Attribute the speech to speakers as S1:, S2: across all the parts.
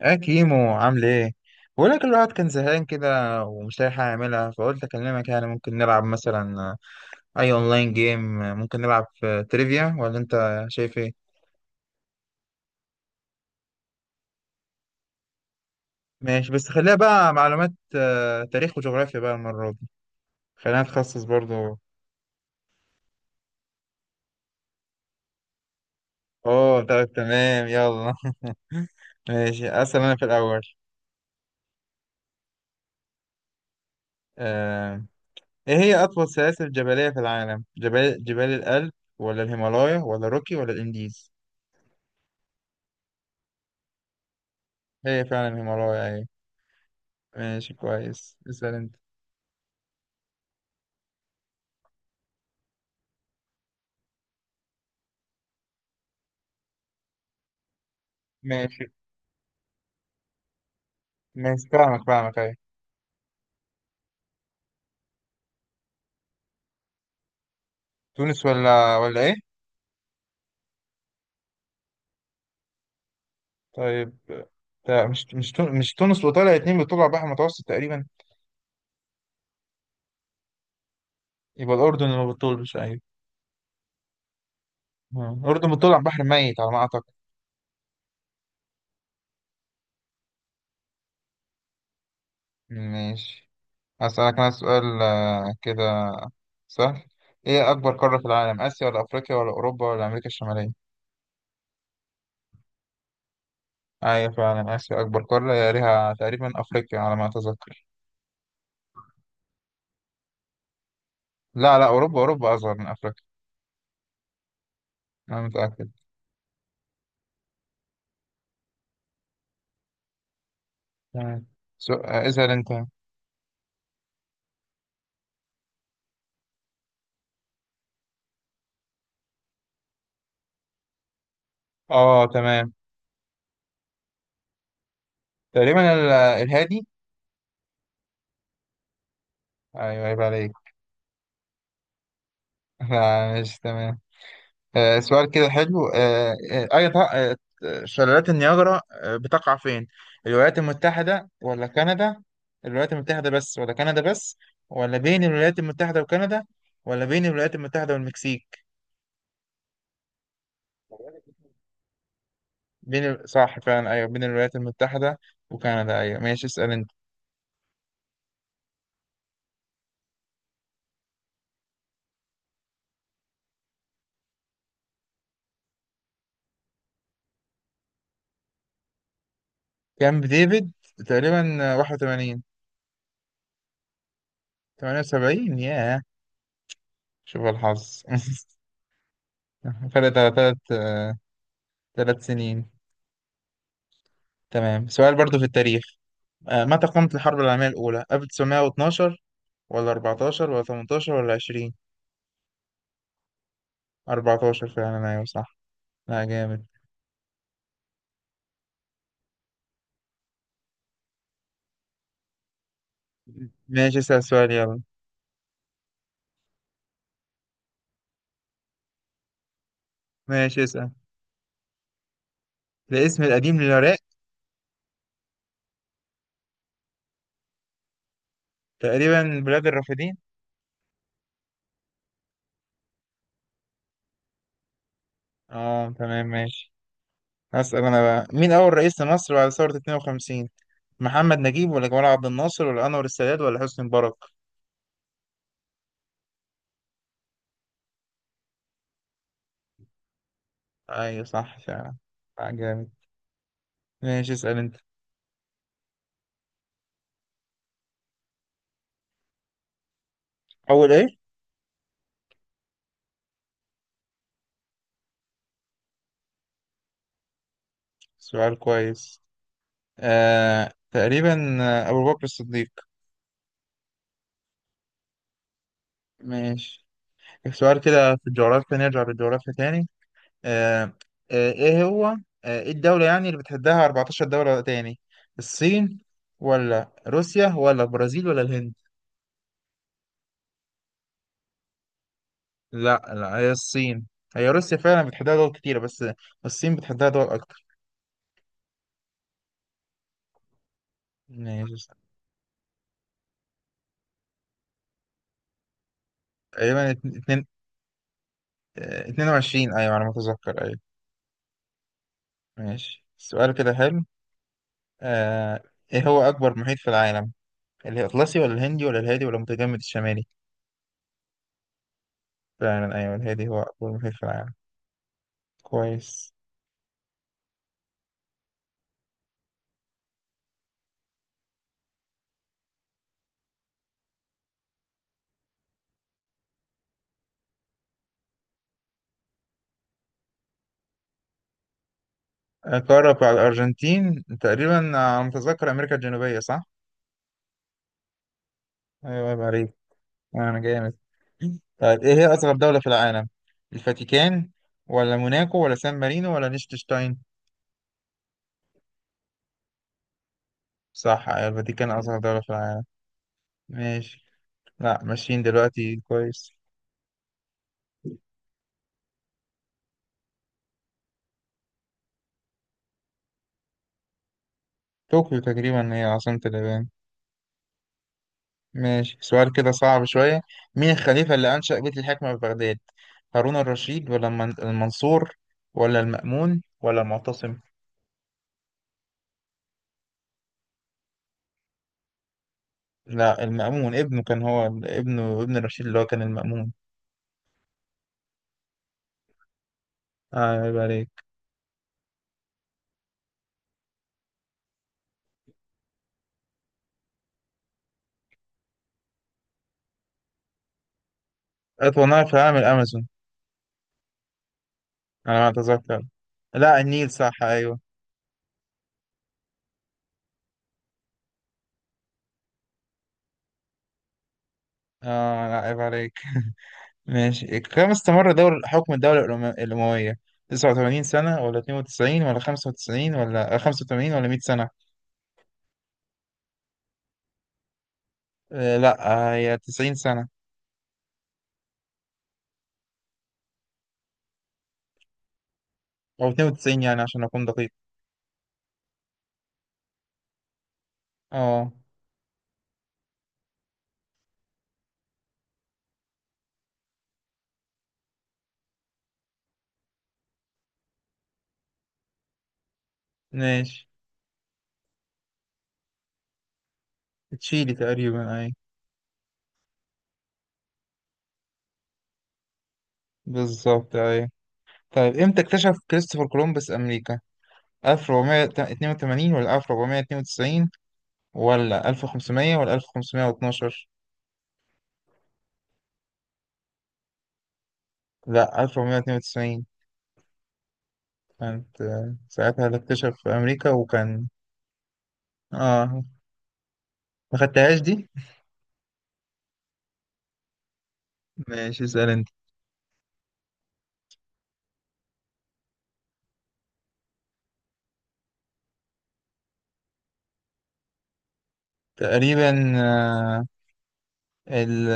S1: يا كيمو، عامل ايه؟ بقول لك الواحد كان زهقان كده، ومش لاقي حاجة يعملها، فقلت اكلمك، يعني ممكن نلعب مثلا اي اونلاين جيم، ممكن نلعب في تريفيا، ولا انت شايف ايه؟ ماشي، بس خليها بقى معلومات، تاريخ وجغرافيا بقى المرة دي. خلينا نتخصص برضو. اوه، طيب، تمام، يلا. ماشي، اسأل انا في الاول. آه، ايه هي اطول سلاسل جبلية في العالم؟ جبال الألب، ولا الهيمالايا، ولا روكي، ولا الانديز؟ هي فعلا الهيمالايا، أيوة. ماشي، كويس، اسأل انت. ماشي. ماشي، فاهمك، فاهمك ايه؟ تونس ولا ايه؟ طيب، مش مش تونس، وطالع اتنين بيطلعوا على البحر المتوسط تقريبا. يبقى الأردن اللي ما بتطولش، أيوة. آه. الأردن بتطلع على البحر الميت على ما أعتقد. ماشي. هسألك أنا سؤال كده سهل. إيه أكبر قارة في العالم؟ آسيا ولا أفريقيا ولا أوروبا ولا أمريكا الشمالية؟ أيوة، فعلا آسيا أكبر قارة، يا ليها تقريبا أفريقيا على ما أتذكر. لا لا، أوروبا أوروبا أصغر من أفريقيا. أنا متأكد. تمام. اسأل انت. اه، تمام. تقريبا الهادي. ايوه، عيب عليك. لا، مش تمام. آه، سؤال كده حلو. آه آه، اي ط- آه، شلالات النياجرا بتقع فين؟ الولايات المتحدة ولا كندا؟ الولايات المتحدة بس ولا كندا بس؟ ولا بين الولايات المتحدة وكندا؟ ولا بين الولايات المتحدة والمكسيك؟ صح، فعلا، ايوه، بين الولايات المتحدة وكندا، ايوه. ماشي، اسأل انت. كامب ديفيد، تقريبا 81. 78، ياه. شوف الحظ. فرق ثلاث سنين. تمام، سؤال برضو في التاريخ. متى قامت الحرب العالمية الأولى؟ 1912 ولا 14 ولا 18 ولا 20؟ 14، فعلا أيوة صح. لا، جامد. ماشي، اسأل سؤال يلا. ماشي، اسأل. الاسم القديم للعراق. تقريبا بلاد الرافدين. اه، تمام، ماشي. هسأل أنا بقى، مين أول رئيس لمصر بعد ثورة 52؟ محمد نجيب ولا جمال عبد الناصر ولا أنور السادات ولا حسني مبارك؟ أيوة، صح فعلا. لا، جامد. ماشي، اسأل انت. أول ايه؟ سؤال كويس. آه، تقريبا أبو بكر الصديق. ماشي، سؤال كده في الجغرافيا، نرجع للجغرافيا تاني. آه آه ايه هو آه ايه الدولة يعني اللي بتحدها 14 دولة تاني؟ الصين ولا روسيا ولا البرازيل ولا الهند؟ لا لا، هي الصين. هي روسيا فعلا بتحدها دول كتيرة، بس الصين بتحدها دول أكتر. ماشي. تقريبا 22، أيوة على ما أتذكر، أيوة. ماشي، سؤال كده حلو. آه، ايه هو اكبر محيط في العالم؟ الاطلسي ولا الهندي ولا الهادي ولا المتجمد الشمالي؟ فعلا، ايوه الهادي هو اكبر محيط في العالم. كويس. قارة بتاع الارجنتين تقريبا على ما اتذكر امريكا الجنوبية، صح. ايوه، عيب عليك. انا جامد. طيب، ايه هي اصغر دولة في العالم؟ الفاتيكان ولا موناكو ولا سان مارينو ولا ليechtenstein؟ صح، ايوه، الفاتيكان اصغر دولة في العالم. ماشي. لا، ماشيين دلوقتي كويس. طوكيو تقريبا هي عاصمة اليابان. ماشي، سؤال كده صعب شوية. مين الخليفة اللي أنشأ بيت الحكمة في بغداد؟ هارون الرشيد ولا المنصور ولا المأمون ولا المعتصم؟ لا، المأمون ابنه كان، هو ابنه، ابن الرشيد اللي هو كان المأمون. آه، عيب عليك. أطول نهر في العالم الأمازون. أنا ما أتذكر. لا، النيل صح، أيوه. آه، لا، عيب عليك. ماشي، كم استمر دور حكم الدولة الأموية؟ 89 سنة ولا 92 ولا 95 ولا 85 ولا 100 سنة؟ آه، لا، هي 90 سنة. او 92، يعني عشان اكون دقيق. اه، ماشي. تشيلي تقريبا، اي. بالظبط، اي. طيب، امتى اكتشف كريستوفر كولومبوس امريكا؟ 1482 ولا 1492 ولا 1500 ولا 1512؟ لا، 1492 كانت ساعتها اللي اكتشف في امريكا وكان. اه، ما خدتهاش دي. ماشي، اسال انت. تقريبا آه، ال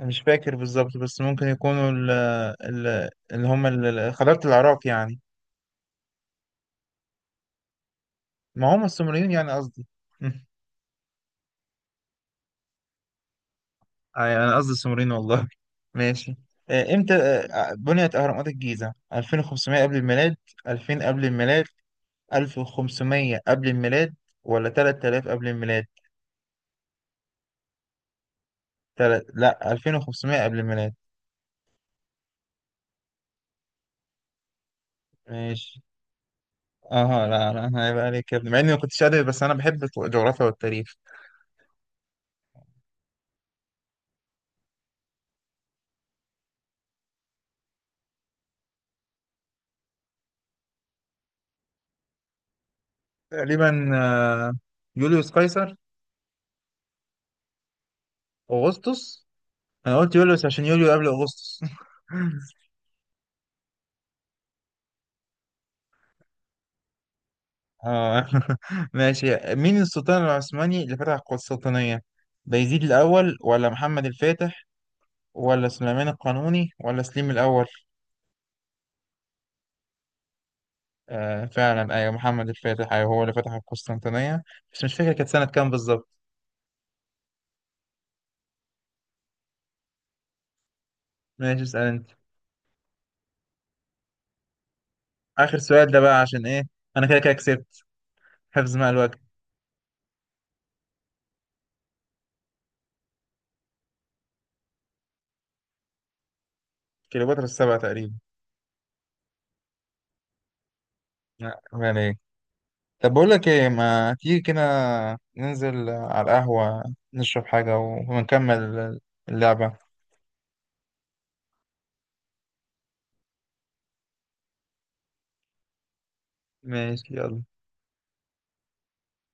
S1: مش فاكر بالظبط، بس ممكن يكونوا ال اللي هم خلافة العراق يعني. ما هم السومريين، يعني قصدي. أي، أنا قصدي السومريين والله. ماشي. إمتى بنيت أهرامات الجيزة؟ 2500 قبل الميلاد، 2000 قبل الميلاد، 1500 قبل الميلاد، ولا 3000 قبل الميلاد؟ لا، 2500 قبل الميلاد. ماشي. اه، لا لا، انا هيبقى عليك يا ابني، مع اني ما كنتش ادبي، بس انا بحب الجغرافيا والتاريخ. تقريبا آه، يوليوس قيصر. اغسطس. انا قلت يوليو بس عشان يوليو قبل اغسطس. اه. ماشي، مين السلطان العثماني اللي فتح القسطنطينية؟ بايزيد الأول ولا محمد الفاتح ولا سليمان القانوني ولا سليم الأول؟ آه، فعلا أيوة، محمد الفاتح، أيوة هو اللي فتح القسطنطينية. بس مش فاكر كانت سنة كام بالظبط. ماشي، اسأل أنت. آخر سؤال ده بقى عشان إيه؟ أنا كده كده كسبت. حفظ ماء الوجه. كليوباترا السبعة تقريبا. لا، ما عليك. طب بقول لك ايه، ما تيجي كده ننزل على القهوة، نشرب حاجة ونكمل اللعبة. ماشي، يلا.